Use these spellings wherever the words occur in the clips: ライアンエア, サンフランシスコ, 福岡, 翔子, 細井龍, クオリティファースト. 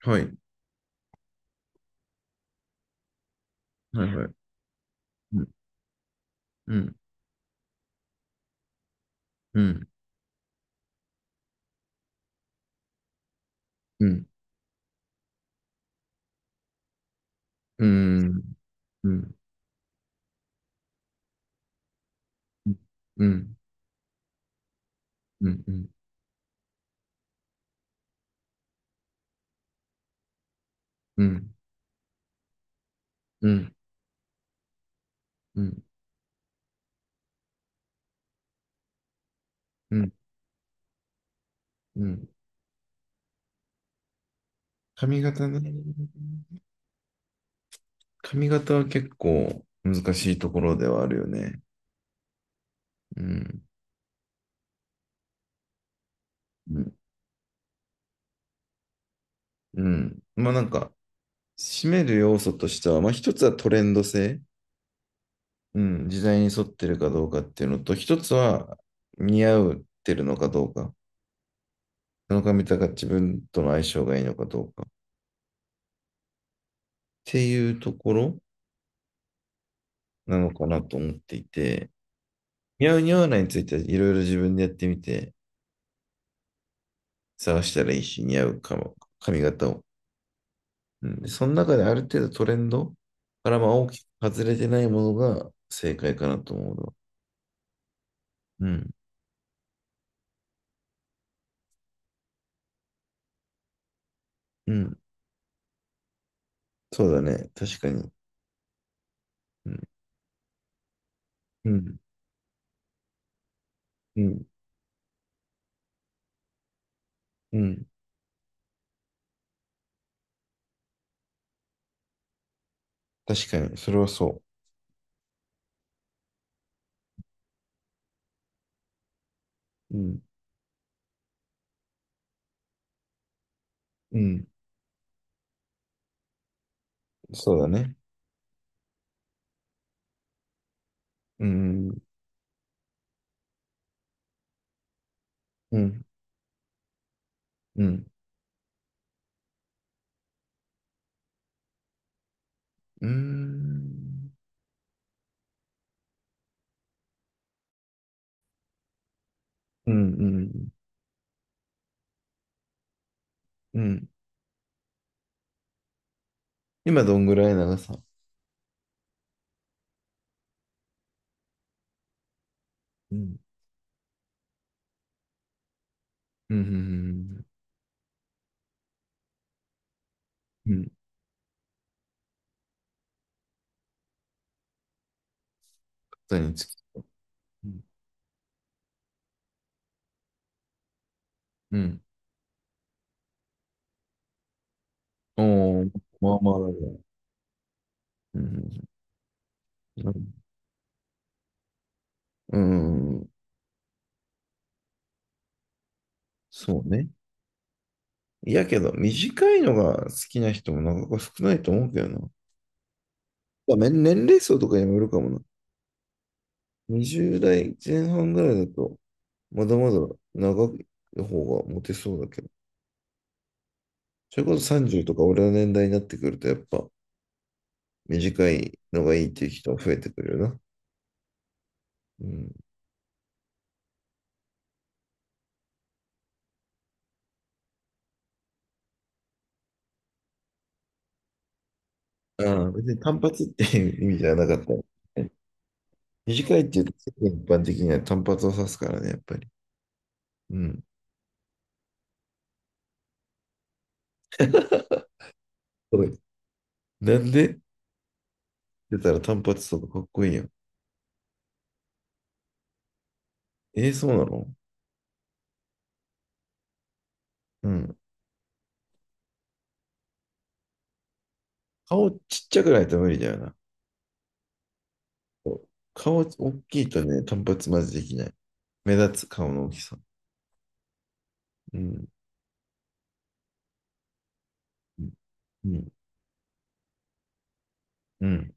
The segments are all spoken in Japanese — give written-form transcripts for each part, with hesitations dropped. はい。はいはい。うん。うん。うん。うん。うん。うん。うん。うん。うん。うん。うん。うん。うん。髪型ね。髪型は結構難しいところではあるよね。うん。うん。うん。まあなんか、締める要素としては、まあ一つはトレンド性。うん。時代に沿ってるかどうかっていうのと、一つは似合うってるのかどうか。その髪型が自分との相性がいいのかどうか。っていうところ。なのかなと思っていて、似合う似合わないについてはいろいろ自分でやってみて、探したらいいし、似合うかも、髪型を。うん。その中である程度トレンドからまあ大きく外れてないものが正解かなと思うの。うん、うん、そうだね。確かに。うん、うん、うん、うん。確かに。それはそう。うん、うん、そうだね。うん、うん、うん、うん、うん、うん、うん。今どんぐらい長さ？うん、うん、うん。うんうん。豚につき。うん。おー、まあまあだね。うん。うん。うん。そうね。いやけど、短いのが好きな人もなかなか少ないと思うけどな。まあ、年齢層とかにもよるかもな。20代前半ぐらいだと、まだまだ長い方がモテそうだけど。それこそ30とか俺の年代になってくると、やっぱ短いのがいいっていう人が増えてくるよな。うん。ああ、別に単発っていう意味じゃなかった。短いって言うと、世間一般的には単発を指すからね、やっぱり。うん。これ、なんでって言ったら単発とかかっこいいやん。えー、そうなの？うん。顔ちっちゃくないと無理だよな。そう。顔大きいとね、単発まずできない。目立つ顔の大きさ。うん。うん。うん。うん。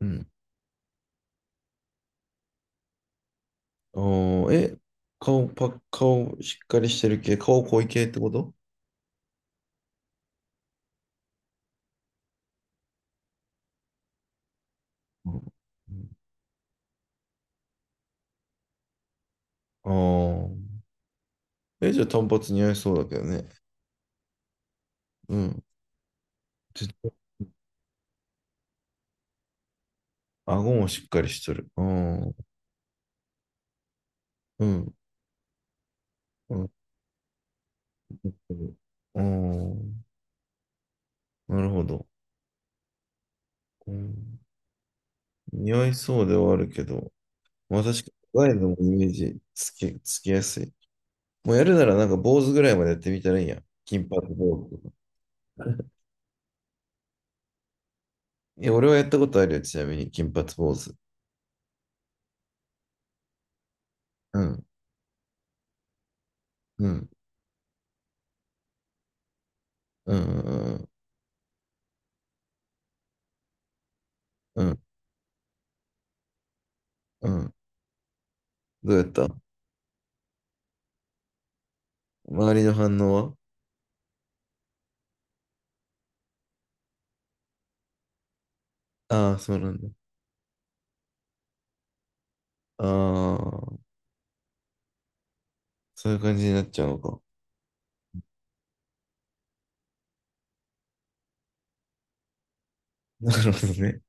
うん。あー、え、顔パッ、顔しっかりしてる系、顔濃い系ってこと？うん。ああー。え、じゃあ単発似合いそうだけどね。うん。絶対顎もしっかりしとる。うん。うん。うんうん。なるほど。うん。似合いそうではあるけど、まあ確かに、ワイルドもイメージつきやすい。もうやるならなんか坊主ぐらいまでやってみたらいいやん。金髪坊主とか。いや、俺はやったことあるよ、ちなみに、金髪坊主。うん、うん、うん、うん、うん、うん。うん。どうやった？周りの反応は？ああー、そうなんだ。ああ、そういう感じになっちゃうのか。なるほどね。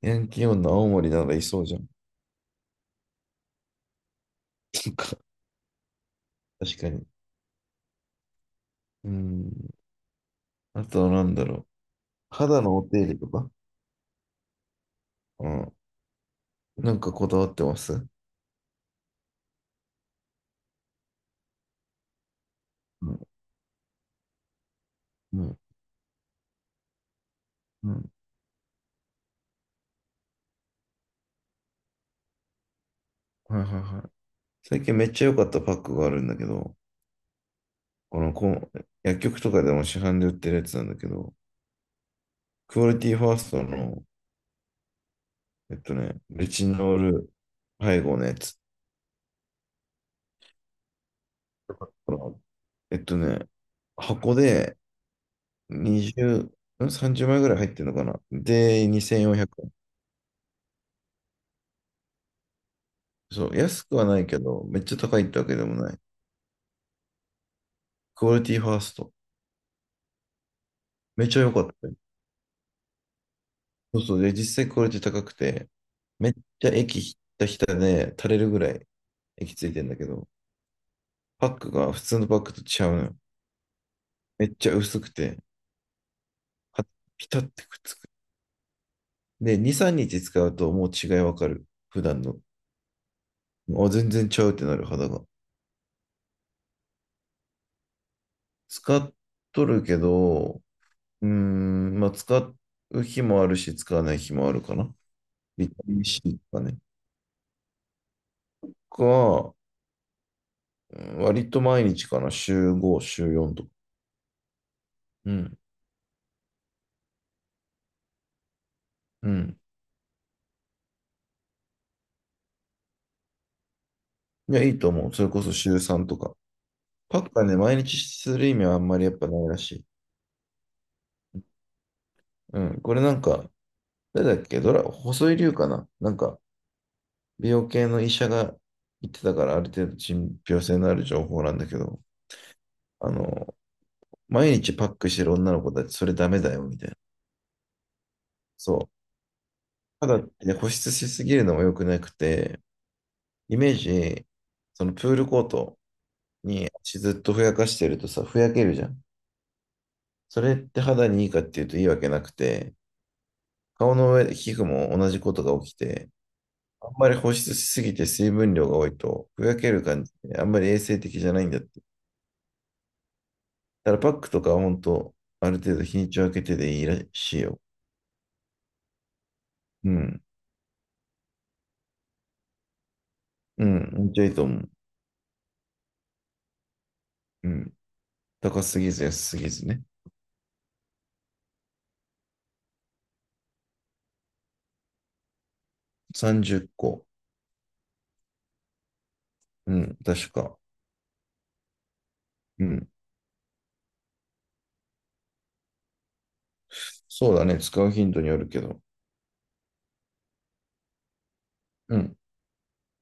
ヤンキー女青森ならいそうじゃん。そっか。確かに。うん。あとはなんだろう。肌のお手入れとか、うん。なんかこだわってます？うん、うん、うん。はいはいはい。最近めっちゃ良かったパックがあるんだけど、このこう、薬局とかでも市販で売ってるやつなんだけど、クオリティファーストの、レチノール配合のやつ。このえっとね、箱で20、30枚ぐらい入ってるのかな。で、2400円。そう、安くはないけど、めっちゃ高いってわけでもない。クオリティファースト。めっちゃ良かったよ。そうそう。で、実際クオリティ高くて、めっちゃ液ひたひたで垂れるぐらい液ついてんだけど、パックが普通のパックと違うのよ。めっちゃ薄くて、はピタってくっつく。で、2、3日使うともう違いわかる。普段の。あ、全然ちゃうってなる肌が。使っとるけど、うーん、まあ使う日もあるし、使わない日もあるかな。ビタミン C とかね。うん。割と毎日かな。週5、週4とか。うん。うん。いや、いいと思う。それこそ週3とか。パックはね、毎日する意味はあんまりやっぱないらしい。うん。これなんか、誰だっけ、細井龍かななんか、美容系の医者が言ってたから、ある程度信憑性のある情報なんだけど、あの、毎日パックしてる女の子たち、それダメだよ、みたいな。そう。ただってね、保湿しすぎるのも良くなくて、イメージ、そのプールコートに足ずっとふやかしてるとさ、ふやけるじゃん。それって肌にいいかっていうといいわけなくて、顔の上で皮膚も同じことが起きて、あんまり保湿しすぎて水分量が多いと、ふやける感じで、あんまり衛生的じゃないんだって。ただからパックとかは本当、ある程度日にちを空けてでいいらしいよ。うん。うん。めっちゃいいと思う。うん。高すぎず安すぎずね。30個。うん。確か。うん。そうだね。使う頻度によるけど。うん。